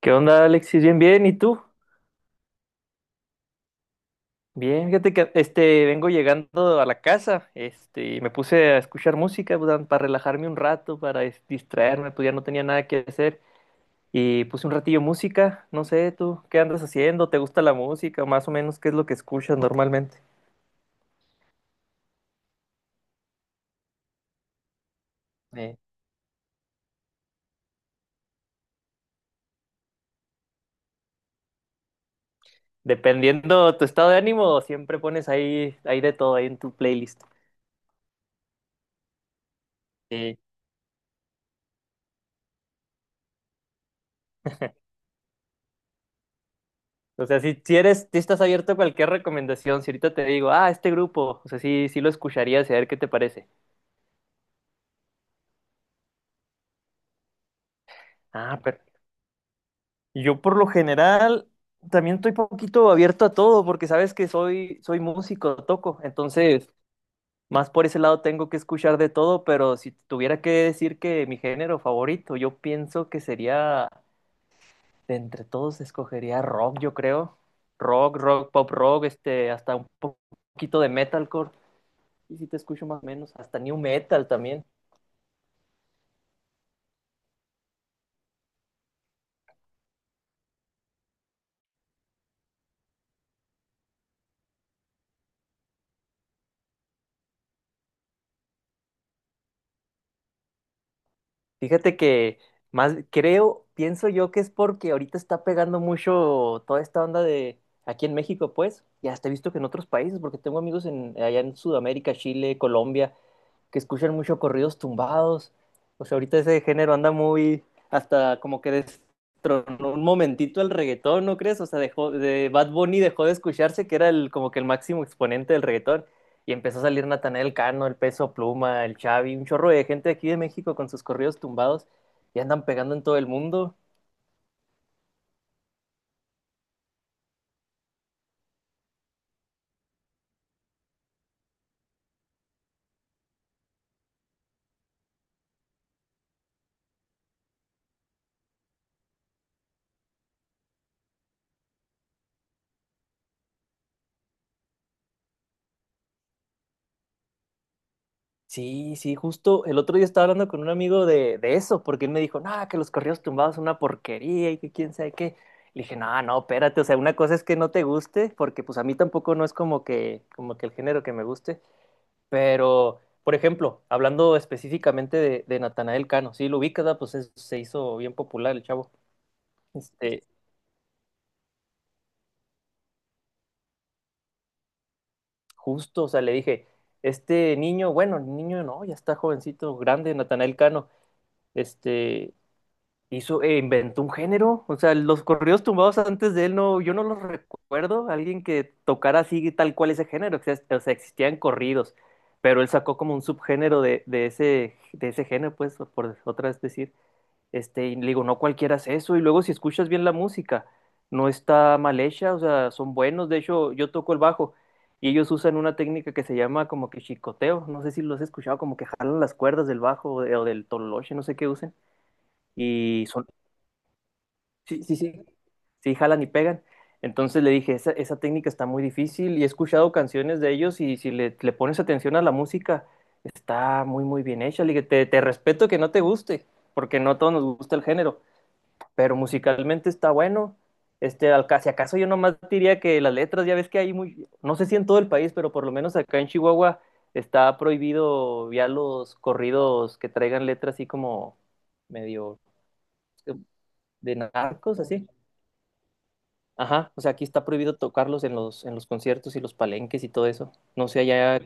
¿Qué onda, Alexis? Bien, bien, ¿y tú? Bien, fíjate que vengo llegando a la casa, y me puse a escuchar música pues, para relajarme un rato, distraerme, pues ya no tenía nada que hacer y puse un ratillo música, no sé, tú, ¿qué andas haciendo? ¿Te gusta la música? Más o menos, ¿qué es lo que escuchas normalmente? Eh, dependiendo tu estado de ánimo, siempre pones ahí de todo, ahí en tu playlist. Eh, o sea, si eres, si estás abierto a cualquier recomendación, si ahorita te digo, ah, este grupo, o sea, sí, sí lo escucharías y a ver qué te parece. Ah, pero yo por lo general también estoy poquito abierto a todo porque sabes que soy, soy músico, toco, entonces más por ese lado tengo que escuchar de todo, pero si tuviera que decir que mi género favorito, yo pienso que sería, de entre todos escogería rock, yo creo, rock, rock, pop rock, poquito de metalcore, y si te escucho más o menos, hasta new metal también. Fíjate que más creo, pienso yo que es porque ahorita está pegando mucho toda esta onda de aquí en México, pues, y hasta he visto que en otros países, porque tengo amigos en allá en Sudamérica, Chile, Colombia, que escuchan mucho corridos tumbados. O sea, ahorita ese género anda muy, hasta como que destronó un momentito el reggaetón, ¿no crees? O sea, dejó, de Bad Bunny dejó de escucharse, que era el, como que el máximo exponente del reggaetón. Y empezó a salir Natanael Cano, el Peso Pluma, el Xavi, un chorro de gente aquí de México con sus corridos tumbados y andan pegando en todo el mundo. Sí, sí, justo el otro día estaba hablando con un amigo de eso, porque él me dijo, no, que los corridos tumbados son una porquería y que quién sabe qué. Le dije, no, no, espérate, o sea, una cosa es que no te guste, porque pues a mí tampoco no es como que el género que me guste, pero, por ejemplo, hablando específicamente de Natanael Cano, sí, lo ubicas, ¿verdad? Pues se hizo bien popular el chavo. Este, justo, o sea, le dije, este niño, bueno, niño no, ya está jovencito, grande, Natanael Cano, este hizo, e inventó un género. O sea, los corridos tumbados antes de él no, yo no los recuerdo. Alguien que tocara así tal cual ese género. O sea, existían corridos, pero él sacó como un subgénero de, de ese género, pues, por otra vez decir. Y le digo, no cualquiera hace eso. Y luego si escuchas bien la música, no está mal hecha, o sea, son buenos. De hecho, yo toco el bajo. Y ellos usan una técnica que se llama como que chicoteo, no sé si los has escuchado, como que jalan las cuerdas del bajo o del tololoche, no sé qué usen. Y son, Sí, sí, sí, sí, jalan y pegan. Entonces le dije, esa técnica está muy difícil y he escuchado canciones de ellos y si le pones atención a la música, está muy bien hecha. Le dije, te respeto que no te guste, porque no a todos nos gusta el género, pero musicalmente está bueno. Si acaso yo nomás diría que las letras, ya ves que hay muy, no sé si en todo el país, pero por lo menos acá en Chihuahua está prohibido ya los corridos que traigan letras así como medio de narcos, así. Ajá, o sea, aquí está prohibido tocarlos en los conciertos y los palenques y todo eso. No sé allá,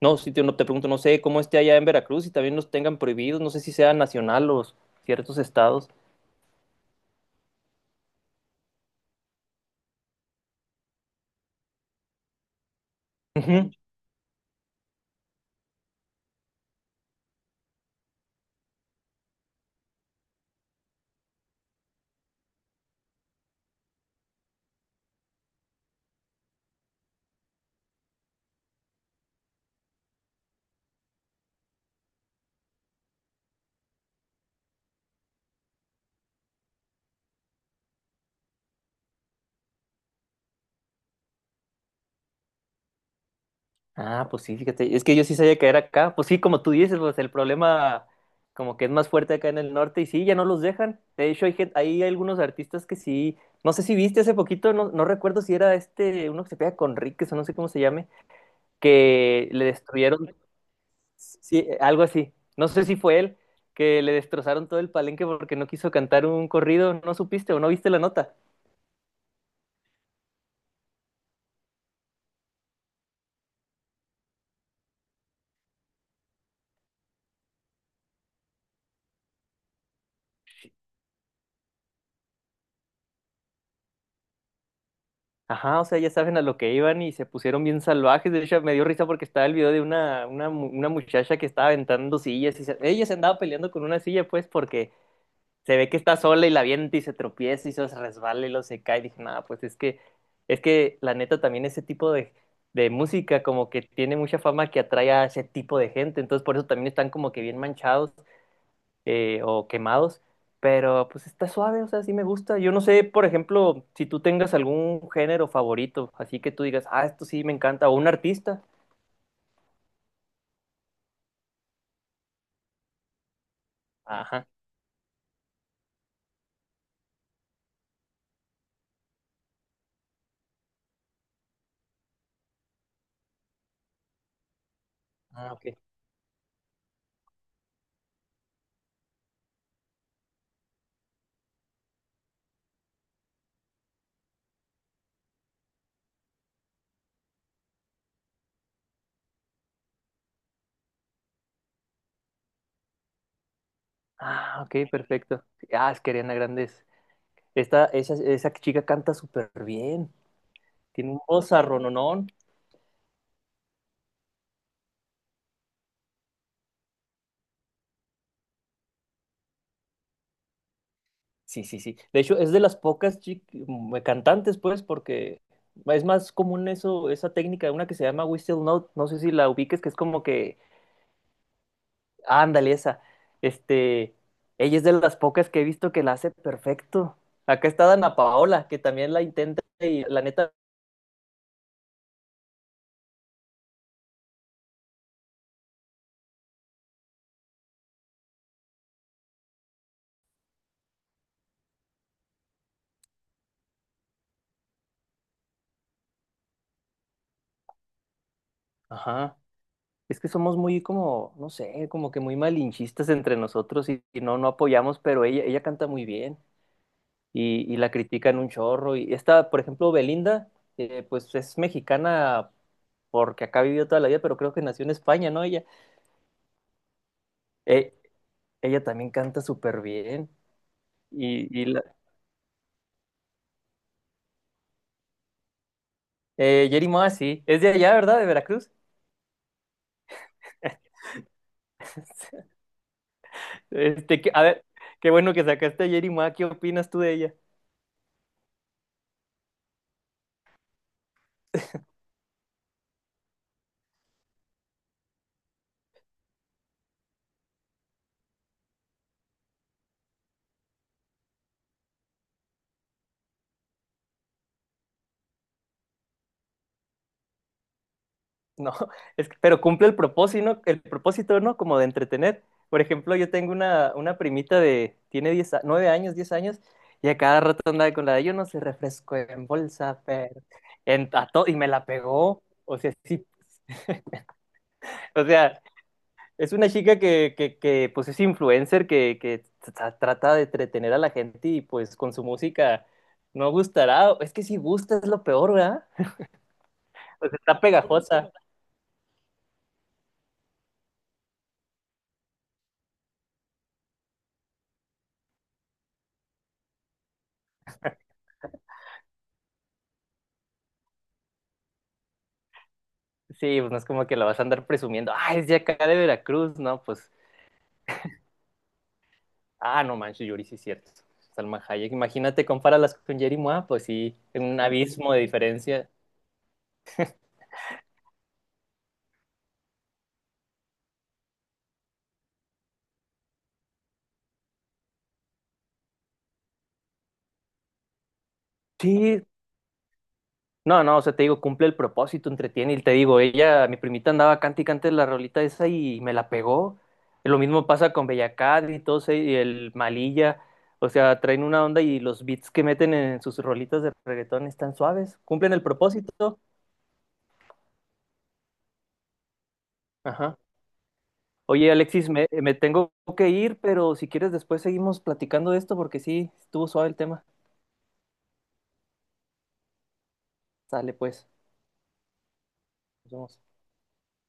no, no, te pregunto, no sé cómo esté allá en Veracruz y también los tengan prohibidos, no sé si sea nacional o ciertos estados. Ujú. Ah, pues sí, fíjate, es que yo sí sabía que era acá, pues sí, como tú dices, pues el problema como que es más fuerte acá en el norte y sí, ya no los dejan. De hecho, hay, hay algunos artistas que sí, no sé si viste hace poquito, no, no recuerdo si era uno que se pega con Ríquez o no sé cómo se llame, que le destruyeron. Sí, algo así. No sé si fue él que le destrozaron todo el palenque porque no quiso cantar un corrido, no supiste o no viste la nota. Ajá, o sea, ya saben a lo que iban y se pusieron bien salvajes. De hecho, me dio risa porque estaba el video de una muchacha que estaba aventando sillas y ella se andaba peleando con una silla, pues, porque se ve que está sola y la avienta y se tropieza y se resbala y lo se cae. Y dije, nada, es que la neta también ese tipo de música como que tiene mucha fama que atrae a ese tipo de gente. Entonces por eso también están como que bien manchados o quemados. Pero pues está suave, o sea, sí me gusta. Yo no sé, por ejemplo, si tú tengas algún género favorito, así que tú digas, ah, esto sí me encanta, o un artista. Ajá. Ah, ok. Ah, ok, perfecto. Ah, es que Ariana Grande es. Esa chica canta súper bien. Tiene un vozarrononón. Sí, sí, sí. De hecho, es de las pocas cantantes, pues, porque es más común eso, esa técnica, una que se llama whistle note, no sé si la ubiques, que es como que, ándale, esa. Este, ella es de las pocas que he visto que la hace perfecto. Acá está Dana Paola, que también la intenta y la neta, ajá. Es que somos muy como, no sé, como que muy malinchistas entre nosotros y no, no apoyamos, pero ella canta muy bien. Y, y la critican un chorro. Y esta, por ejemplo, Belinda, pues es mexicana porque acá ha vivido toda la vida, pero creo que nació en España, ¿no? Eh, ella también canta súper bien. Y, y la, Yeri Moa, sí, es de allá, ¿verdad? De Veracruz. A ver, qué bueno que sacaste a Yeri Moa, ¿qué opinas tú de ella? No, es que pero cumple el propósito, ¿no? El propósito, ¿no? Como de entretener. Por ejemplo, yo tengo una primita de, tiene 9 años, 10 años, y a cada rato andaba con la de, yo no sé, refresco en bolsa, pero y me la pegó. O sea, sí, o sea, es una chica que, pues es influencer, trata de entretener a la gente y pues con su música no gustará. Es que si gusta es lo peor, ¿verdad? Pues está pegajosa. Sí, pues no es como que la vas a andar presumiendo. Ah, es de acá de Veracruz, ¿no? Pues, ah, no manches, Yuri, sí es cierto. Salma Hayek, imagínate, compáralas con Jerry Mois, pues sí, en un abismo de diferencia. Sí, no, no, o sea, te digo, cumple el propósito, entretiene, y te digo, ella, mi primita andaba cante y cante la rolita esa y me la pegó. Lo mismo pasa con Bellacat y todos, y el Malilla, o sea, traen una onda y los beats que meten en sus rolitas de reggaetón están suaves, cumplen el propósito. Ajá. Oye, Alexis, me tengo que ir, pero si quieres después seguimos platicando de esto porque sí, estuvo suave el tema. Sale pues, nos vemos.